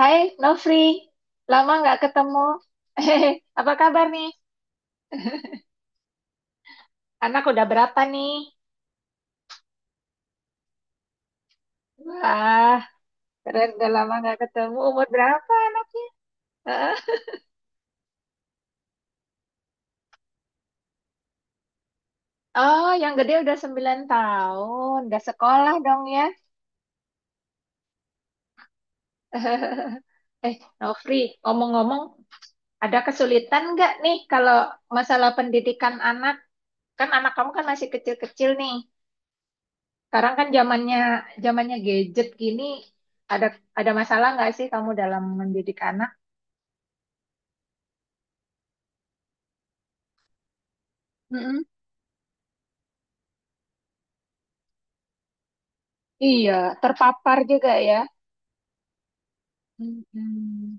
Hai Nofri, lama nggak ketemu. Hehehe, apa kabar nih? Anak udah berapa nih? Wah, keren udah lama nggak ketemu. Umur berapa anaknya? Heeh. Oh, yang gede udah 9 tahun, udah sekolah dong ya. Nofri, ngomong-ngomong, ada kesulitan nggak nih kalau masalah pendidikan anak? Kan anak kamu kan masih kecil-kecil nih. Sekarang kan zamannya zamannya gadget gini, ada ada masalah nggak sih kamu dalam mendidik anak? Iya, terpapar juga ya. Mm-mm,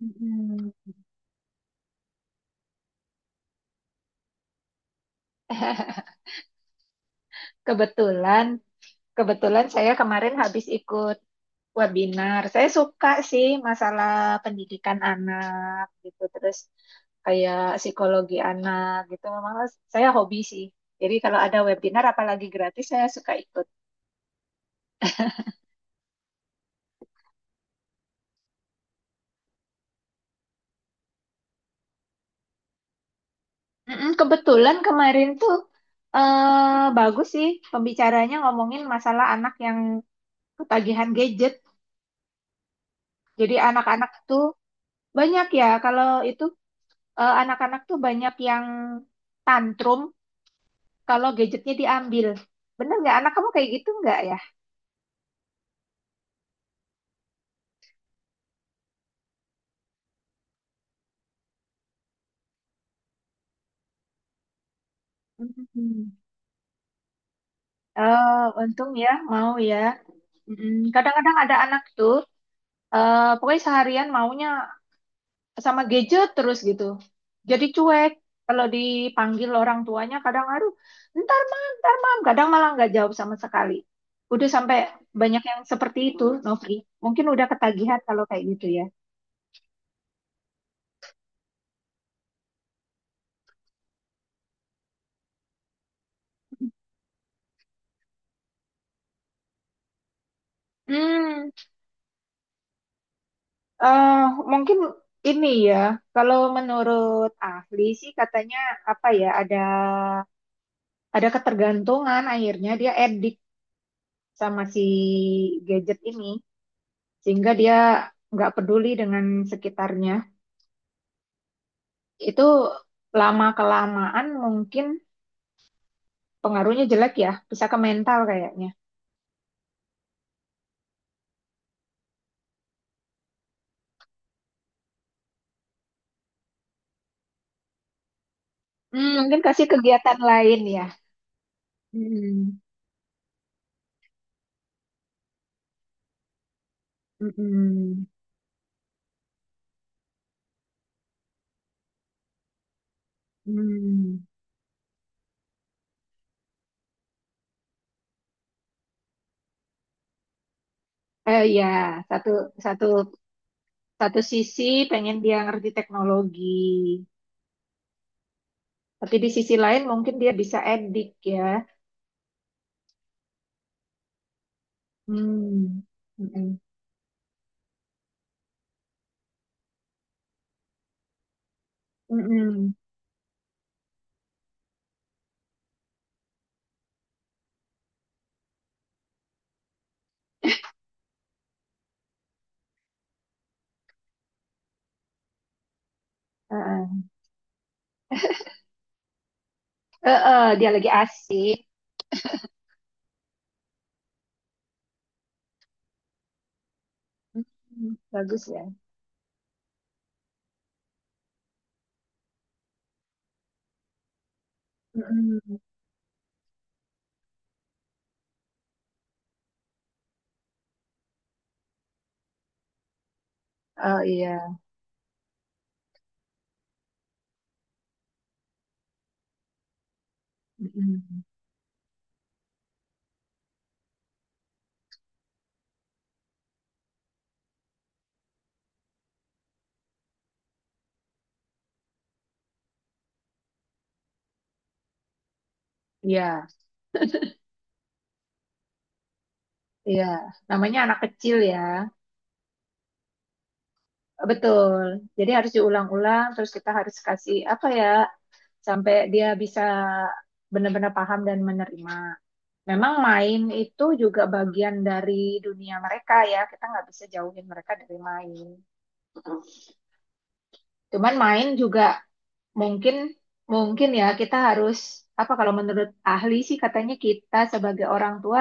mm-mm. Kebetulan, kebetulan, saya kemarin habis ikut webinar. Saya suka sih masalah pendidikan anak gitu, terus kayak psikologi anak gitu. Memang saya hobi sih. Jadi kalau ada webinar apalagi gratis saya suka ikut. Mm-mm. Kebetulan kemarin tuh bagus sih pembicaranya ngomongin masalah anak yang ketagihan gadget. Jadi anak-anak tuh banyak ya, kalau itu anak-anak tuh banyak yang tantrum kalau gadgetnya diambil. Bener nggak? Anak kamu kayak gitu nggak ya? Hmm. Oh, untung ya, mau ya. Mm-mm. Kadang-kadang ada anak tuh, pokoknya seharian maunya sama gadget terus gitu. Jadi cuek. Kalau dipanggil orang tuanya kadang aduh, ntar mam, ntar mam. Kadang malah nggak jawab sama sekali. Udah sampai banyak yang seperti itu, Novri. Mungkin udah ketagihan kalau kayak gitu ya. Hmm, eh mungkin ini ya, kalau menurut ahli sih katanya apa ya, ada ketergantungan akhirnya dia edik sama si gadget ini sehingga dia nggak peduli dengan sekitarnya. Itu lama kelamaan mungkin pengaruhnya jelek ya, bisa ke mental kayaknya. Hmm, mungkin kasih kegiatan lain ya. Hmm, mm-mm, mm. Eh ya, satu satu satu sisi pengen dia ngerti teknologi, tapi di sisi lain mungkin dia bisa edik ya. Hmm, mm-mm, mm-mm, uh-uh. Uh-uh, dia lagi asik. Mm, bagus ya. Mm-mm. Oh iya. Mm-mm. Iya, iya. Namanya anak kecil ya, betul. Jadi harus diulang-ulang, terus kita harus kasih apa ya, sampai dia bisa benar-benar paham dan menerima. Memang main itu juga bagian dari dunia mereka ya. Kita nggak bisa jauhin mereka dari main. Cuman main juga mungkin mungkin ya kita harus apa kalau menurut ahli sih katanya kita sebagai orang tua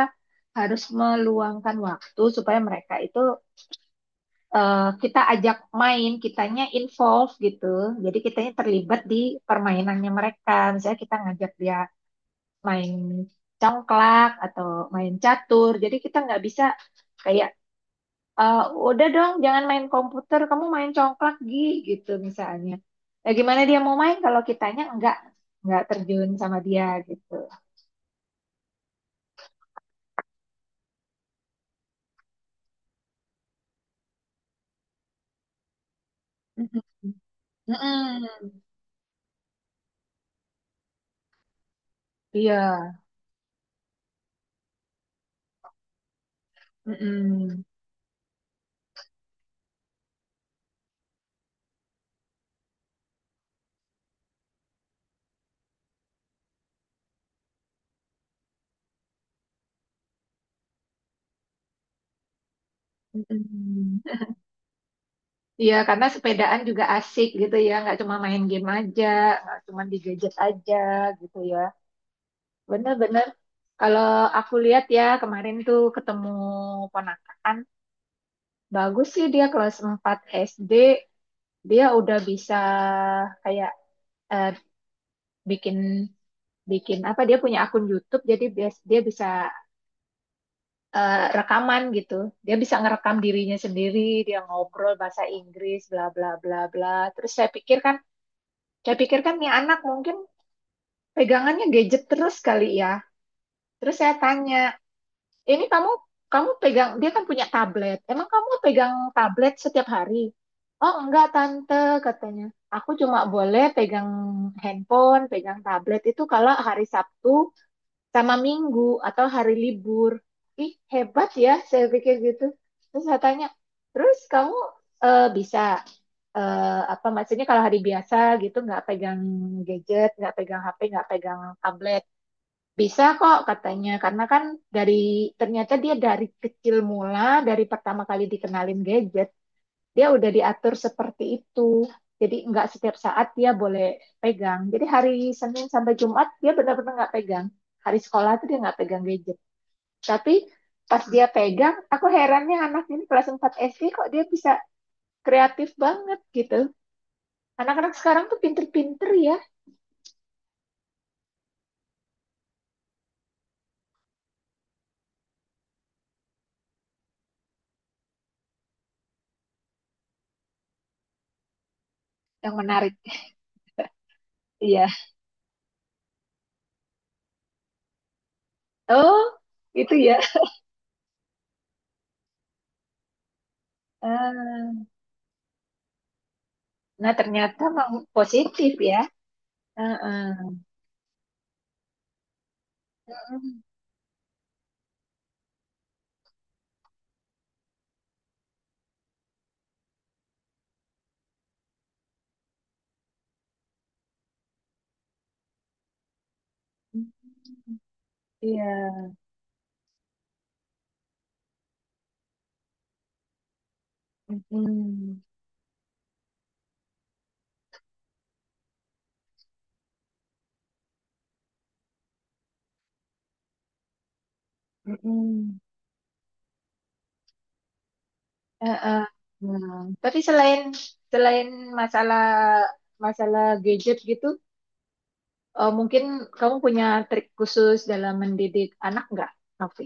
harus meluangkan waktu supaya mereka itu kita ajak main, kitanya involve gitu. Jadi kitanya terlibat di permainannya mereka. Misalnya kita ngajak dia main congklak atau main catur. Jadi kita nggak bisa kayak "Eh, udah dong, jangan main komputer, kamu main congklak Gi," gitu misalnya. Ya gimana dia mau main kalau kitanya enggak terjun sama dia gitu. Mm-mm. Mm-mm. Iya. Mm-mm. Mm-mm. Iya, karena sepedaan juga asik gitu ya, nggak cuma main game aja, nggak cuma di gadget aja gitu ya. Bener-bener, kalau aku lihat ya kemarin tuh ketemu ponakan, bagus sih dia kelas 4 SD, dia udah bisa kayak eh, bikin bikin apa dia punya akun YouTube jadi dia dia bisa rekaman gitu dia bisa ngerekam dirinya sendiri dia ngobrol bahasa Inggris bla bla bla bla terus saya pikir kan nih anak mungkin pegangannya gadget terus kali ya terus saya tanya ini kamu kamu pegang dia kan punya tablet. Emang kamu pegang tablet setiap hari? Oh enggak tante katanya. Aku cuma boleh pegang handphone, pegang tablet itu kalau hari Sabtu sama Minggu atau hari libur. Ih hebat ya, saya pikir gitu. Terus saya tanya, terus kamu bisa apa maksudnya kalau hari biasa gitu nggak pegang gadget, nggak pegang HP, nggak pegang tablet. Bisa kok katanya, karena kan dari ternyata dia dari kecil mula, dari pertama kali dikenalin gadget, dia udah diatur seperti itu. Jadi nggak setiap saat dia boleh pegang. Jadi hari Senin sampai Jumat dia benar-benar nggak pegang. Hari sekolah tuh dia nggak pegang gadget. Tapi pas dia pegang, aku herannya anak ini kelas 4 SD kok dia bisa kreatif banget gitu. Anak-anak sekarang tuh pinter-pinter ya, yang menarik. Iya. Oh, itu ya. Ah. Nah, ternyata memang positif ya. Heeh. Iya. Mm-mm. Mm-mm. Heeh. Nah, tapi selain selain masalah masalah gadget gitu, mungkin kamu punya trik khusus dalam mendidik anak nggak, Novi?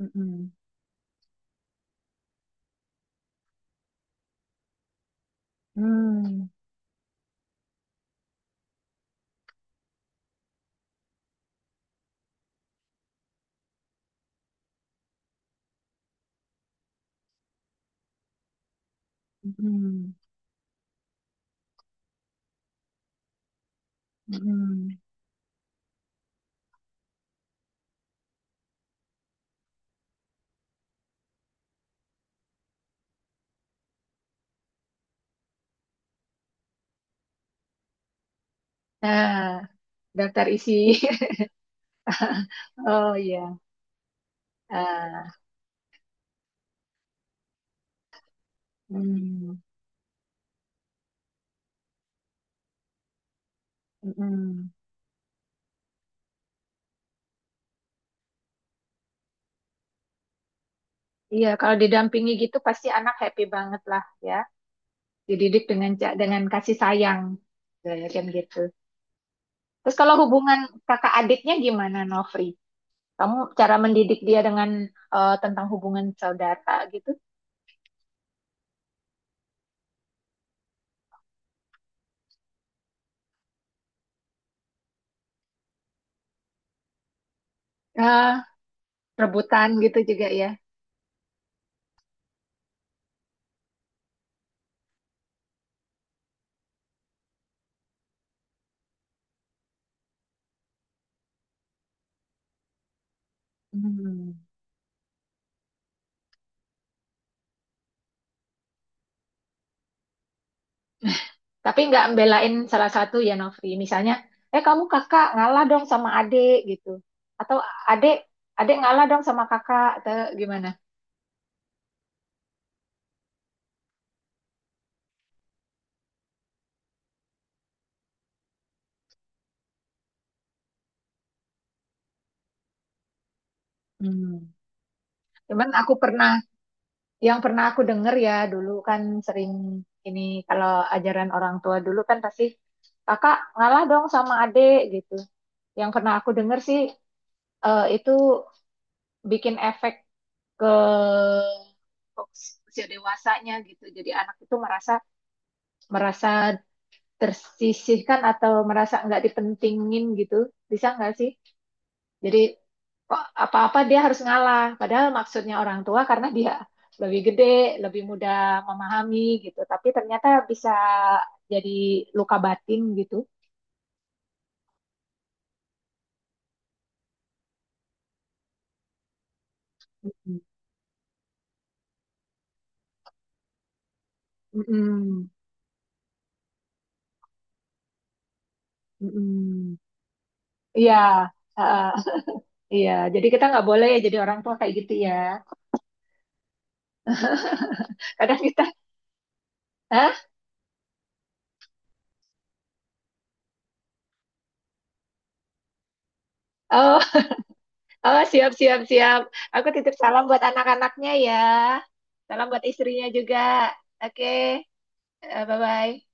Mm-mm. Hmm. Mm-mm. Mm-mm. Nah, daftar isi. Oh iya. Ah. Hmm. Mm-mm. Iya, kalau didampingi gitu pasti anak happy banget lah ya. Dididik dengan ca- dengan kasih sayang, saya yakin gitu. Terus kalau hubungan kakak adiknya gimana, Nofri? Kamu cara mendidik dia dengan tentang hubungan saudara gitu? Ah, rebutan gitu juga ya. Hmm. Tapi nggak belain salah satu ya, Nofri. Misalnya, eh kamu kakak ngalah dong sama adik gitu. Atau adik, adik ngalah dong sama kakak. Atau gimana? Hmm. Cuman aku pernah yang pernah aku dengar ya dulu kan sering ini kalau ajaran orang tua dulu kan pasti kakak ngalah dong sama adik gitu. Yang pernah aku dengar sih itu bikin efek ke usia dewasanya gitu. Jadi anak itu merasa merasa tersisihkan atau merasa nggak dipentingin gitu. Bisa nggak sih? Jadi kok apa-apa dia harus ngalah. Padahal maksudnya orang tua karena dia lebih gede, lebih mudah memahami gitu. Tapi ternyata bisa jadi luka batin gitu. Mm-mm, mm-mm. Iya, heeh, iya. Jadi kita nggak boleh ya jadi orang tua kayak gitu ya. Kadang kita, hah? Oh, oh siap, siap, siap. Aku titip salam buat anak-anaknya ya. Salam buat istrinya juga. Oke, bye-bye.